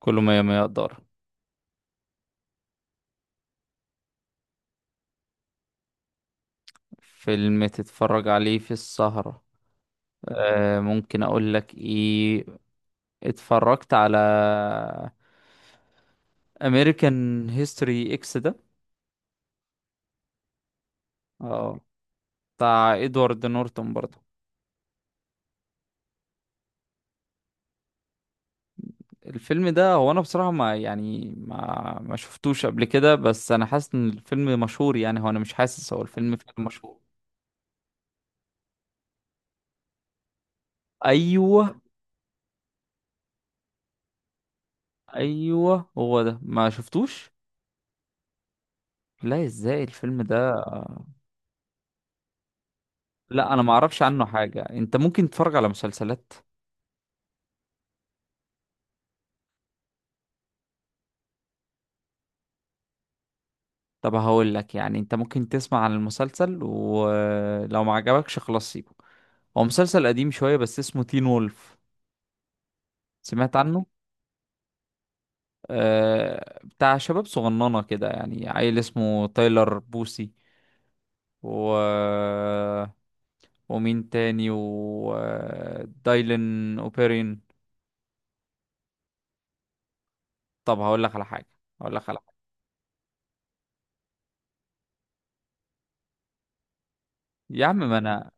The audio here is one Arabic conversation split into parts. كله مية مية دار. فيلم تتفرج عليه في السهرة؟ آه ممكن اقول لك ايه. اتفرجت على امريكان هيستوري اكس ده. اه، بتاع ادوارد نورتون برضه. الفيلم ده، هو انا بصراحة ما يعني، ما شفتوش قبل كده، بس انا حاسس ان الفيلم مشهور يعني. هو انا مش حاسس، هو الفيلم فعلا مشهور؟ ايوه. ايوه هو ده، ما شفتوش. لا ازاي الفيلم ده؟ لا انا ما اعرفش عنه حاجه، انت ممكن تتفرج على مسلسلات. طب هقول لك يعني، انت ممكن تسمع عن المسلسل، ولو ما عجبكش خلاص سيبه. هو مسلسل قديم شويه، بس اسمه تين وولف. سمعت عنه؟ آه، بتاع شباب صغننه كده، يعني عيل اسمه تايلر بوسي، و ومين تاني، ودايلن اوبيرين. طب هقول لك على حاجه. هقول لك على حاجه. يا عم، ما انا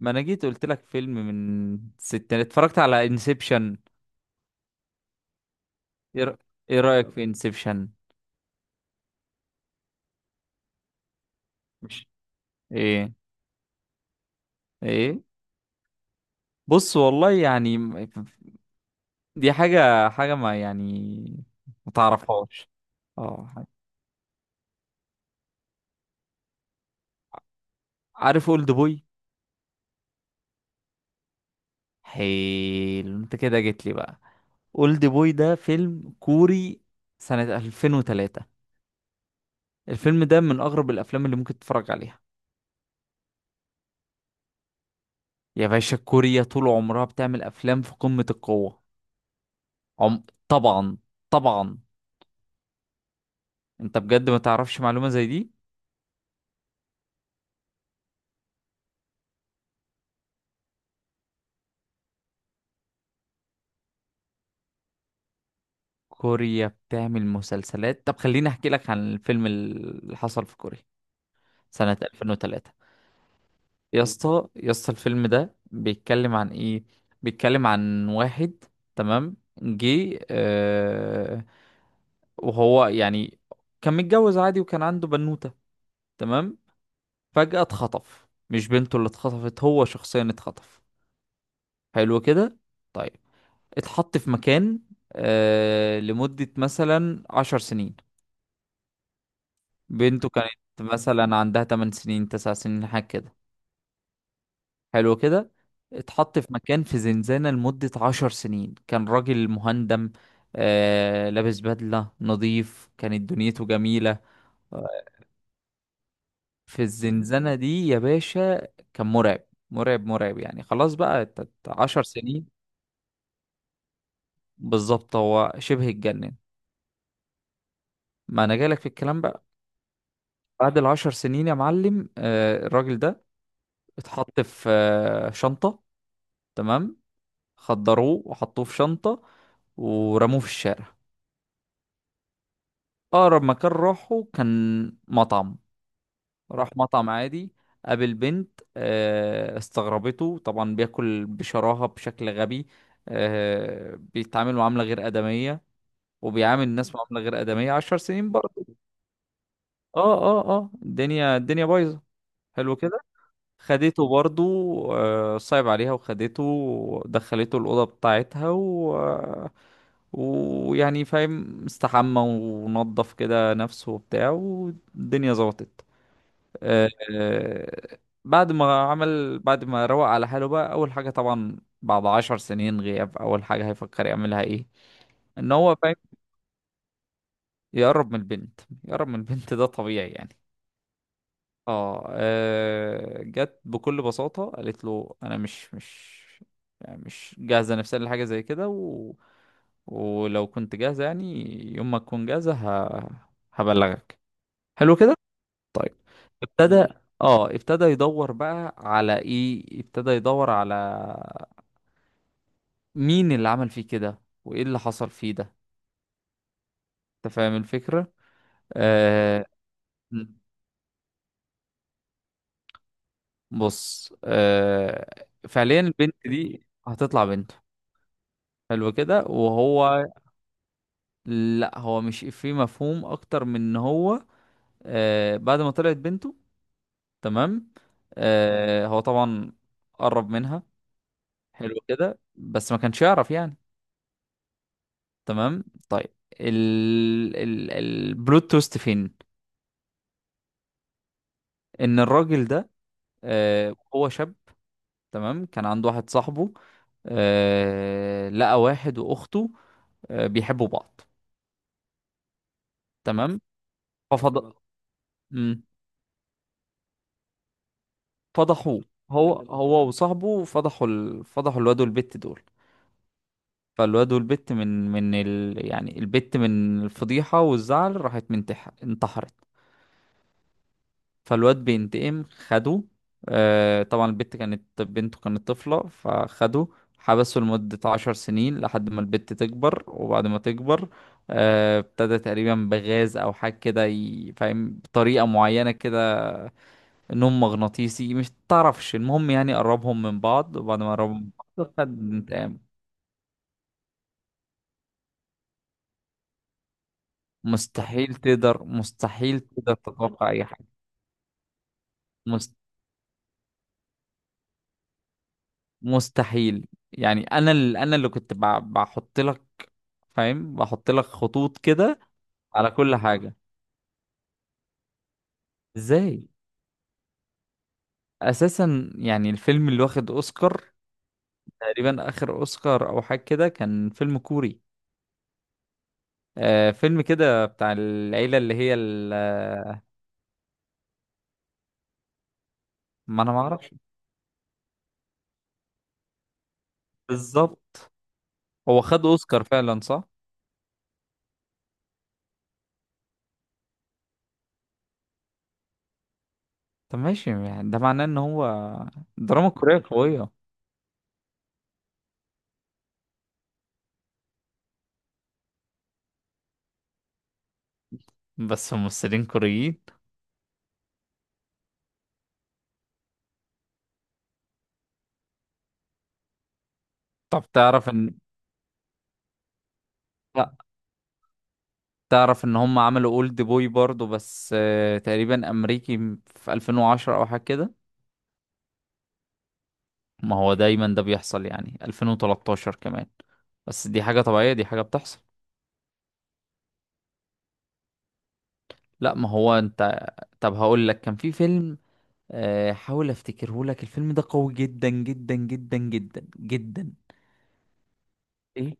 ما انا جيت قلت لك فيلم من ستة، اتفرجت على انسبشن. ايه رأ- إيه رأيك في انسبشن؟ مش. ايه. ايه. بص والله يعني دي حاجة، حاجة، ما يعني، ما تعرفهاش. اه، عارف اولد بوي؟ حلو انت كده جيت لي بقى. اولد بوي ده فيلم كوري سنة 2003. الفيلم ده من اغرب الافلام اللي ممكن تتفرج عليها. يا باشا، كوريا طول عمرها بتعمل افلام في قمة القوة. طبعا، طبعا. انت بجد ما تعرفش معلومة زي دي؟ كوريا بتعمل مسلسلات. طب خليني احكي لك عن الفيلم اللي حصل في كوريا، سنة 2003. يا اسطى، يا اسطى، الفيلم ده بيتكلم عن ايه؟ بيتكلم عن واحد. تمام. جه آه وهو يعني كان متجوز عادي، وكان عنده بنوتة. تمام. فجأة اتخطف. مش بنته اللي اتخطفت، هو شخصيا اتخطف. حلو كده. طيب. اتحط في مكان لمدة مثلا 10 سنين. بنته كانت مثلا عندها 8 سنين، 9 سنين، حاجة كده. حلو كده. اتحط في مكان، في زنزانة لمدة 10 سنين. كان راجل مهندم، لابس بدلة نظيف، كانت دنيته جميلة. في الزنزانة دي يا باشا، كان مرعب، مرعب، مرعب يعني. خلاص بقى، 10 سنين. بالظبط، هو شبه اتجنن. ما انا جالك في الكلام بقى. بعد العشر سنين يا معلم، الراجل ده اتحط في شنطة. تمام. خدروه وحطوه في شنطة، ورموه في الشارع. أقرب مكان راحه كان مطعم. راح مطعم عادي، قابل بنت. استغربته طبعا، بياكل بشراهة بشكل غبي، بيتعامل معاملة غير آدمية، وبيعامل الناس معاملة غير آدمية 10 سنين برضه. اه، اه، اه، الدنيا، الدنيا بايظة. حلو كده. خدته برضو، صعب عليها، وخدته ودخلته الأوضة بتاعتها و... آه، ويعني فاهم، استحمى ونضف كده نفسه وبتاع، والدنيا ظبطت. آه، آه، بعد ما روق على حاله بقى، أول حاجة طبعا بعد 10 سنين غياب، أول حاجة هيفكر يعملها إيه؟ إن هو فاهم يقرب من البنت ده طبيعي يعني. اه، جت بكل بساطة قالت له: انا مش يعني، مش جاهزة نفسيا لحاجة زي كده، ولو كنت جاهزة يعني، يوم ما تكون جاهزة هبلغك. حلو كده. طيب. ابتدى اه، ابتدى يدور بقى على ايه، ابتدى يدور على مين اللي عمل فيه كده وايه اللي حصل فيه ده. انت فاهم الفكرة. آه... بص، فعليا البنت دي هتطلع بنته. حلو كده. لا، هو مش في مفهوم اكتر من ان هو بعد ما طلعت بنته. تمام. هو طبعا قرب منها. حلو كده، بس ما كانش يعرف يعني. تمام. طيب. ال البلوت تويست فين؟ ان الراجل ده هو شاب. تمام. كان عنده واحد صاحبه، لقى واحد واخته، بيحبوا بعض. تمام. ففضل فضحوه. هو وصاحبه فضحوا الواد والبت دول. فالواد والبت، من يعني البت، من الفضيحة والزعل، راحت انتحرت. فالواد بينتقم، خده. طبعا البت كانت بنته، كانت طفلة، فخده حبسه لمدة 10 سنين لحد ما البت تكبر، وبعد ما تكبر ابتدى تقريبا بغاز او حاجة كده، فاهم، بطريقة معينة كده، نوم مغناطيسي مش تعرفش. المهم يعني، قربهم من بعض، وبعد ما قربهم من بعض، خد انتقام. مستحيل تقدر، مستحيل تقدر تتوقع اي حاجه. مست... مستحيل. يعني انا اللي كنت بحط لك، فاهم، بحط لك خطوط كده على كل حاجه. ازاي؟ اساسا يعني، الفيلم اللي واخد اوسكار، تقريبا اخر اوسكار او حاجه كده، كان فيلم كوري. فيلم كده بتاع العيله، اللي هي ما انا ما اعرفش. بالظبط. هو خد اوسكار فعلا صح؟ طب ماشي يعني، ده معناه ان هو الدراما الكورية قوية. بس ممثلين كوريين. طب تعرف ان لا، تعرف ان هم عملوا اولد بوي برضو، بس تقريبا امريكي، في 2010 او حاجة كده. ما هو دايما ده بيحصل يعني، 2013 كمان. بس دي حاجة طبيعية، دي حاجة بتحصل. لا ما هو انت. طب هقول لك، كان في فيلم حاول افتكره لك. الفيلم ده قوي جدا، جدا، جدا، جدا، جدا. ايه.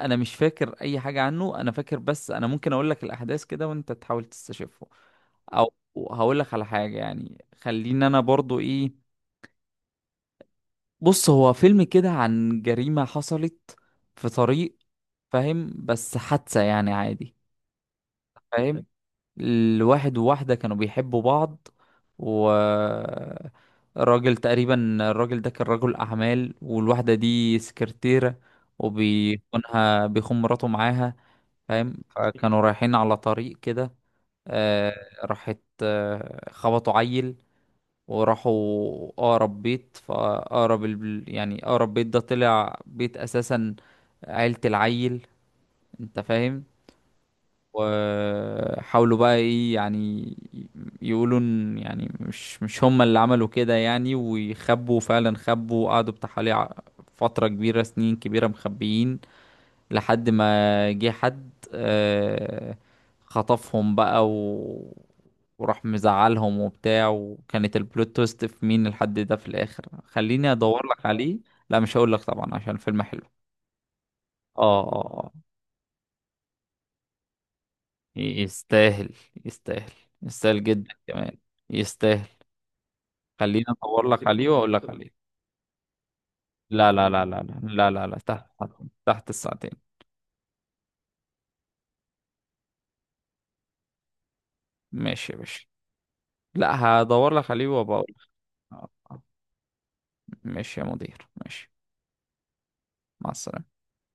انا مش فاكر اي حاجه عنه، انا فاكر بس. انا ممكن اقول لك الاحداث كده، وانت تحاول تستشفه، او هقول لك على حاجه يعني. خليني انا برضو ايه. بص، هو فيلم كده عن جريمه حصلت في طريق، فاهم، بس حادثه يعني عادي، فاهم. الواحد وواحده كانوا بيحبوا بعض، و الراجل ده كان رجل اعمال، والواحده دي سكرتيره، بيخون مراته معاها، فاهم. فكانوا رايحين على طريق كده، آه راحت آه خبطوا عيل، وراحوا اقرب بيت، يعني اقرب بيت ده طلع بيت اساسا، عيلة العيل، انت فاهم. وحاولوا بقى ايه يعني، يقولوا ان يعني مش هم اللي عملوا كده يعني، ويخبوا فعلا. خبوا وقعدوا بتاع حوالي فترة كبيرة، سنين كبيرة، مخبيين، لحد ما جه حد، خطفهم بقى، وراح مزعلهم وبتاع. وكانت البلوت تويست في مين الحد ده في الاخر. خليني ادور لك عليه. لا مش هقول لك طبعا، عشان الفيلم حلو. اه، اه، آه. يستاهل، يستاهل، يستاهل جدا كمان، يستاهل. خليني ادور لك عليه واقول لك عليه. لا، لا، لا، لا، لا، لا، لا، لا. تحت. تحت الساعتين. ماشي يا باشا. لا، هدور لك عليه وبقول لك. آه، آه. ماشي يا مدير، ماشي. مع السلامة.